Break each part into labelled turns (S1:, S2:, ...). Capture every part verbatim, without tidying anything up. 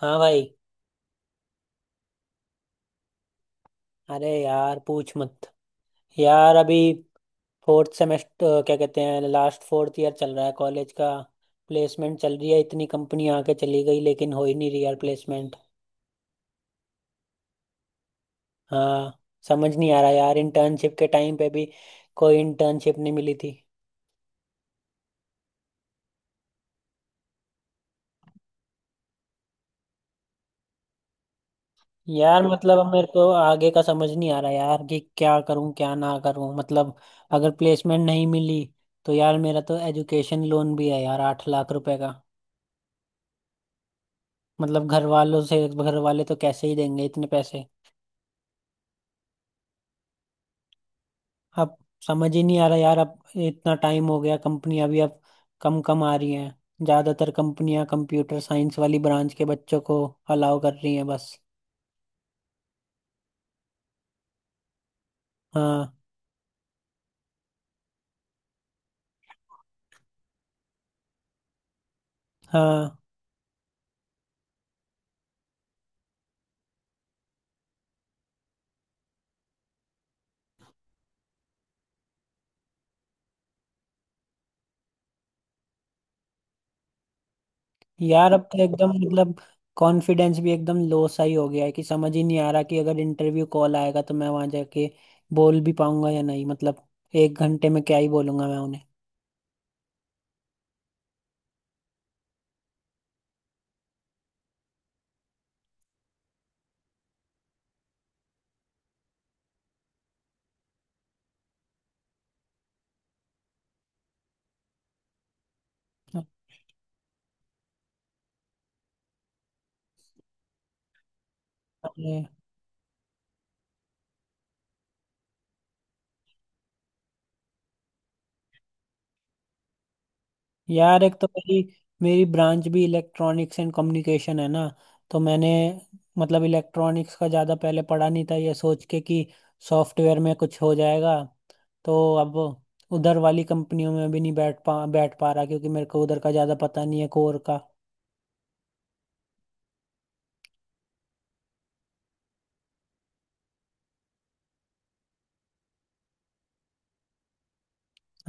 S1: हाँ भाई। अरे यार पूछ मत। यार अभी फोर्थ सेमेस्टर क्या कहते हैं, लास्ट फोर्थ ईयर चल रहा है कॉलेज का। प्लेसमेंट चल रही है, इतनी कंपनी आके चली गई लेकिन हो ही नहीं रही यार प्लेसमेंट। हाँ। समझ नहीं आ रहा यार, इंटर्नशिप के टाइम पे भी कोई इंटर्नशिप नहीं मिली थी। यार मतलब अब मेरे को आगे का समझ नहीं आ रहा यार कि क्या करूं क्या ना करूं, मतलब अगर प्लेसमेंट नहीं मिली तो यार मेरा तो एजुकेशन लोन भी है यार आठ लाख रुपए का। मतलब घर वालों से घर वाले तो कैसे ही देंगे इतने पैसे। अब समझ ही नहीं आ रहा यार, अब इतना टाइम हो गया, कंपनियां भी अब कम कम आ रही हैं, ज्यादातर कंपनियां कंप्यूटर साइंस वाली ब्रांच के बच्चों को अलाउ कर रही हैं बस। हाँ हाँ। यार अब तो एकदम मतलब कॉन्फिडेंस भी एकदम लो सा ही हो गया है कि समझ ही नहीं आ रहा कि अगर इंटरव्यू कॉल आएगा तो मैं वहां जाके बोल भी पाऊंगा या नहीं, मतलब एक घंटे में क्या ही बोलूंगा मैं। उन्हें। यार एक तो मेरी मेरी ब्रांच भी इलेक्ट्रॉनिक्स एंड कम्युनिकेशन है ना, तो मैंने मतलब इलेक्ट्रॉनिक्स का ज़्यादा पहले पढ़ा नहीं था ये सोच के कि सॉफ्टवेयर में कुछ हो जाएगा, तो अब उधर वाली कंपनियों में भी नहीं बैठ पा बैठ पा रहा क्योंकि मेरे को उधर का ज़्यादा पता नहीं है, कोर का।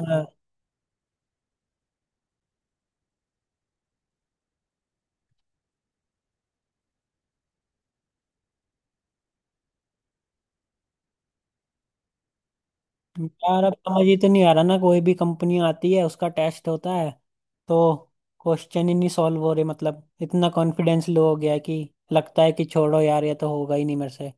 S1: हाँ। यार अब समझ ही तो नहीं आ रहा ना, कोई भी कंपनी आती है उसका टेस्ट होता है तो क्वेश्चन ही नहीं सॉल्व हो रहे, मतलब इतना कॉन्फिडेंस लो हो गया है कि लगता है कि छोड़ो यार, ये तो होगा ही नहीं मेरे से।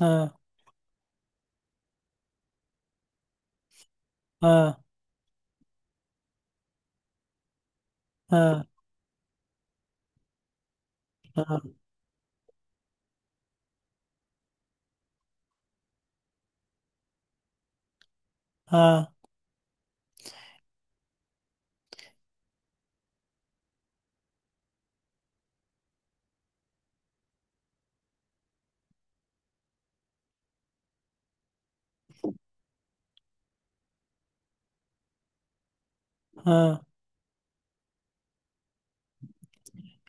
S1: हाँ, हाँ, हाँ, हाँ, हाँ, हाँ।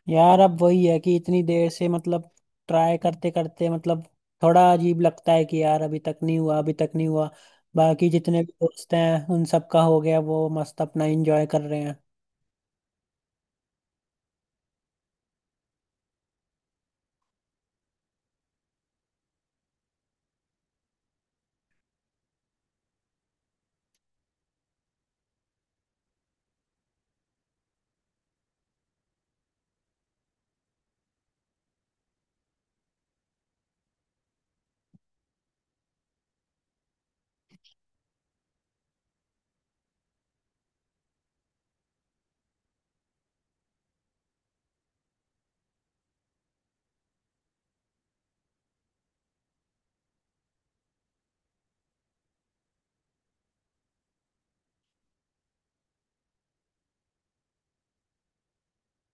S1: यार अब वही है कि इतनी देर से मतलब ट्राई करते करते मतलब थोड़ा अजीब लगता है कि यार अभी तक नहीं हुआ, अभी तक नहीं हुआ। बाकी जितने भी दोस्त हैं उन सबका हो गया, वो मस्त अपना एंजॉय कर रहे हैं।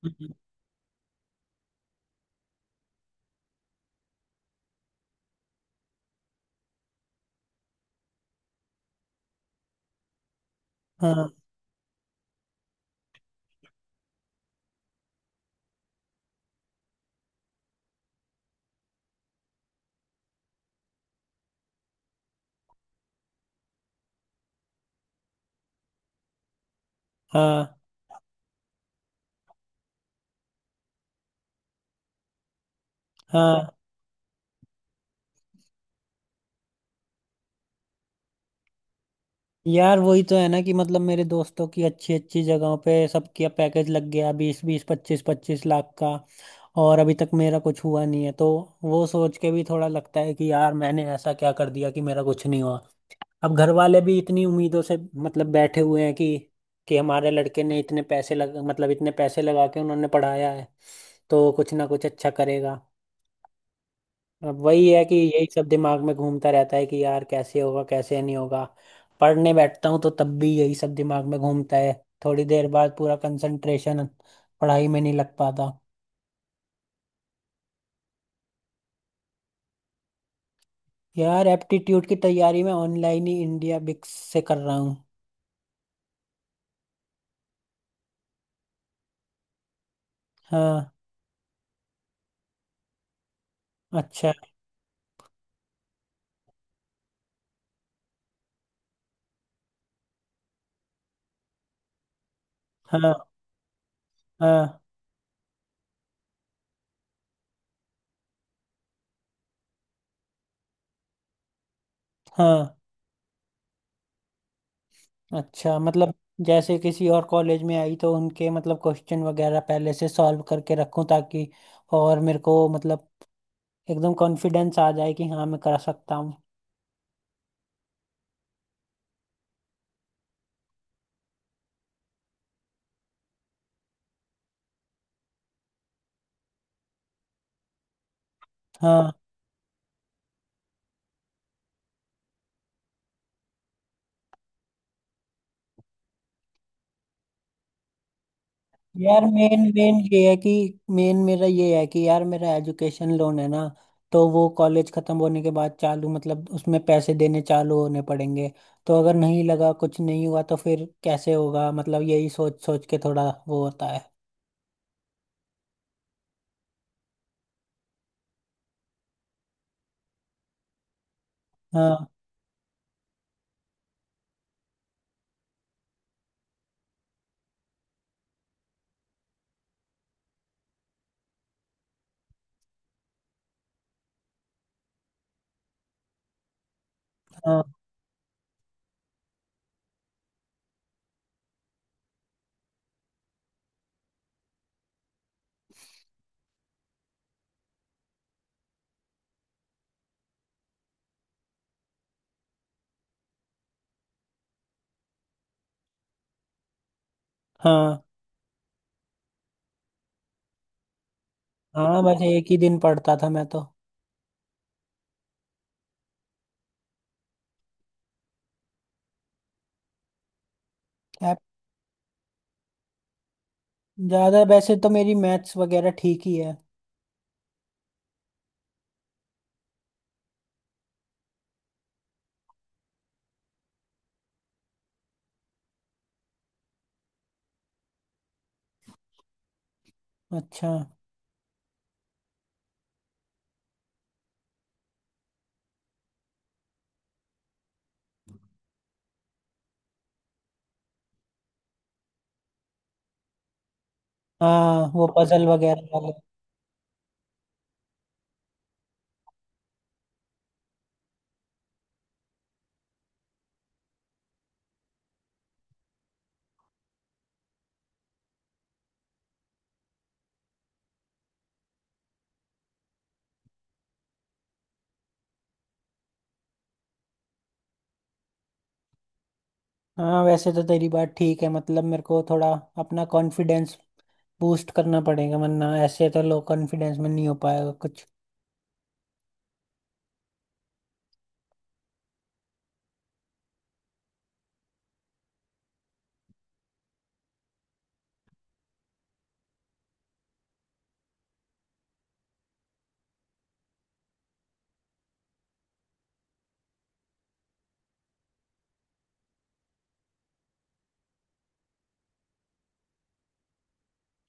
S1: हम्म। हाँ, हाँ, हाँ। यार वही तो है ना कि मतलब मेरे दोस्तों की अच्छी अच्छी जगहों पे सबका पैकेज लग गया, बीस बीस पच्चीस पच्चीस लाख का, और अभी तक मेरा कुछ हुआ नहीं है, तो वो सोच के भी थोड़ा लगता है कि यार मैंने ऐसा क्या कर दिया कि मेरा कुछ नहीं हुआ। अब घर वाले भी इतनी उम्मीदों से मतलब बैठे हुए हैं कि कि हमारे लड़के ने इतने पैसे लग मतलब इतने पैसे लगा के उन्होंने पढ़ाया है तो कुछ ना कुछ अच्छा करेगा। अब वही है कि यही सब दिमाग में घूमता रहता है कि यार कैसे होगा कैसे नहीं होगा। पढ़ने बैठता हूँ तो तब भी यही सब दिमाग में घूमता है, थोड़ी देर बाद पूरा कंसंट्रेशन पढ़ाई में नहीं लग पाता। यार एप्टीट्यूड की तैयारी मैं ऑनलाइन ही इंडिया बिक्स से कर रहा हूँ। हाँ। अच्छा। हाँ, हाँ, हाँ। अच्छा मतलब जैसे किसी और कॉलेज में आई तो उनके मतलब क्वेश्चन वगैरह पहले से सॉल्व करके रखूं ताकि और मेरे को मतलब एकदम कॉन्फिडेंस आ जाए कि हाँ मैं कर सकता हूँ। हाँ। यार मेन मेन ये है कि मेन मेरा ये है कि यार मेरा एजुकेशन लोन है ना, तो वो कॉलेज खत्म होने के बाद चालू मतलब उसमें पैसे देने चालू होने पड़ेंगे, तो अगर नहीं लगा, कुछ नहीं हुआ, तो फिर कैसे होगा, मतलब यही सोच सोच के थोड़ा वो होता है। हाँ, हाँ, हाँ, हाँ। बस एक ही दिन पढ़ता था मैं तो। ऐप- ज्यादा वैसे तो मेरी मैथ्स वगैरह ठीक ही है। अच्छा। हाँ, वो पजल वगैरह वाले। हाँ वैसे तो तेरी बात ठीक है, मतलब मेरे को थोड़ा अपना कॉन्फिडेंस बूस्ट करना पड़ेगा, वरना ऐसे तो लो कॉन्फिडेंस में नहीं हो पाएगा कुछ।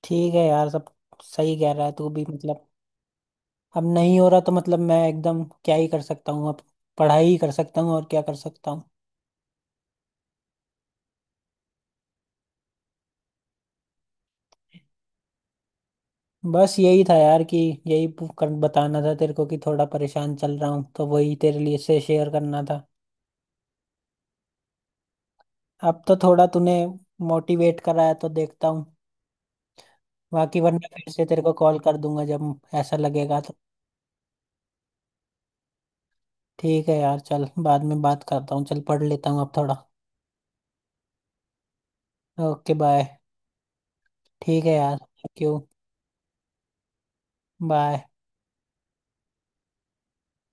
S1: ठीक है यार, सब सही कह रहा है तू भी, मतलब अब नहीं हो रहा तो मतलब मैं एकदम क्या ही कर सकता हूँ, अब पढ़ाई ही कर सकता हूँ और क्या कर सकता हूँ। बस यही था यार कि यही पू- कर- बताना था तेरे को कि थोड़ा परेशान चल रहा हूँ तो वही तेरे लिए से शेयर करना था। अब तो थोड़ा तूने मोटिवेट कराया तो देखता हूँ, बाकी वरना फिर से तेरे को कॉल कर दूंगा जब ऐसा लगेगा तो। ठीक है यार, चल बाद में बात करता हूँ, चल पढ़ लेता हूँ अब थोड़ा। Okay bye. ठीक है यार, थैंक यू, बाय।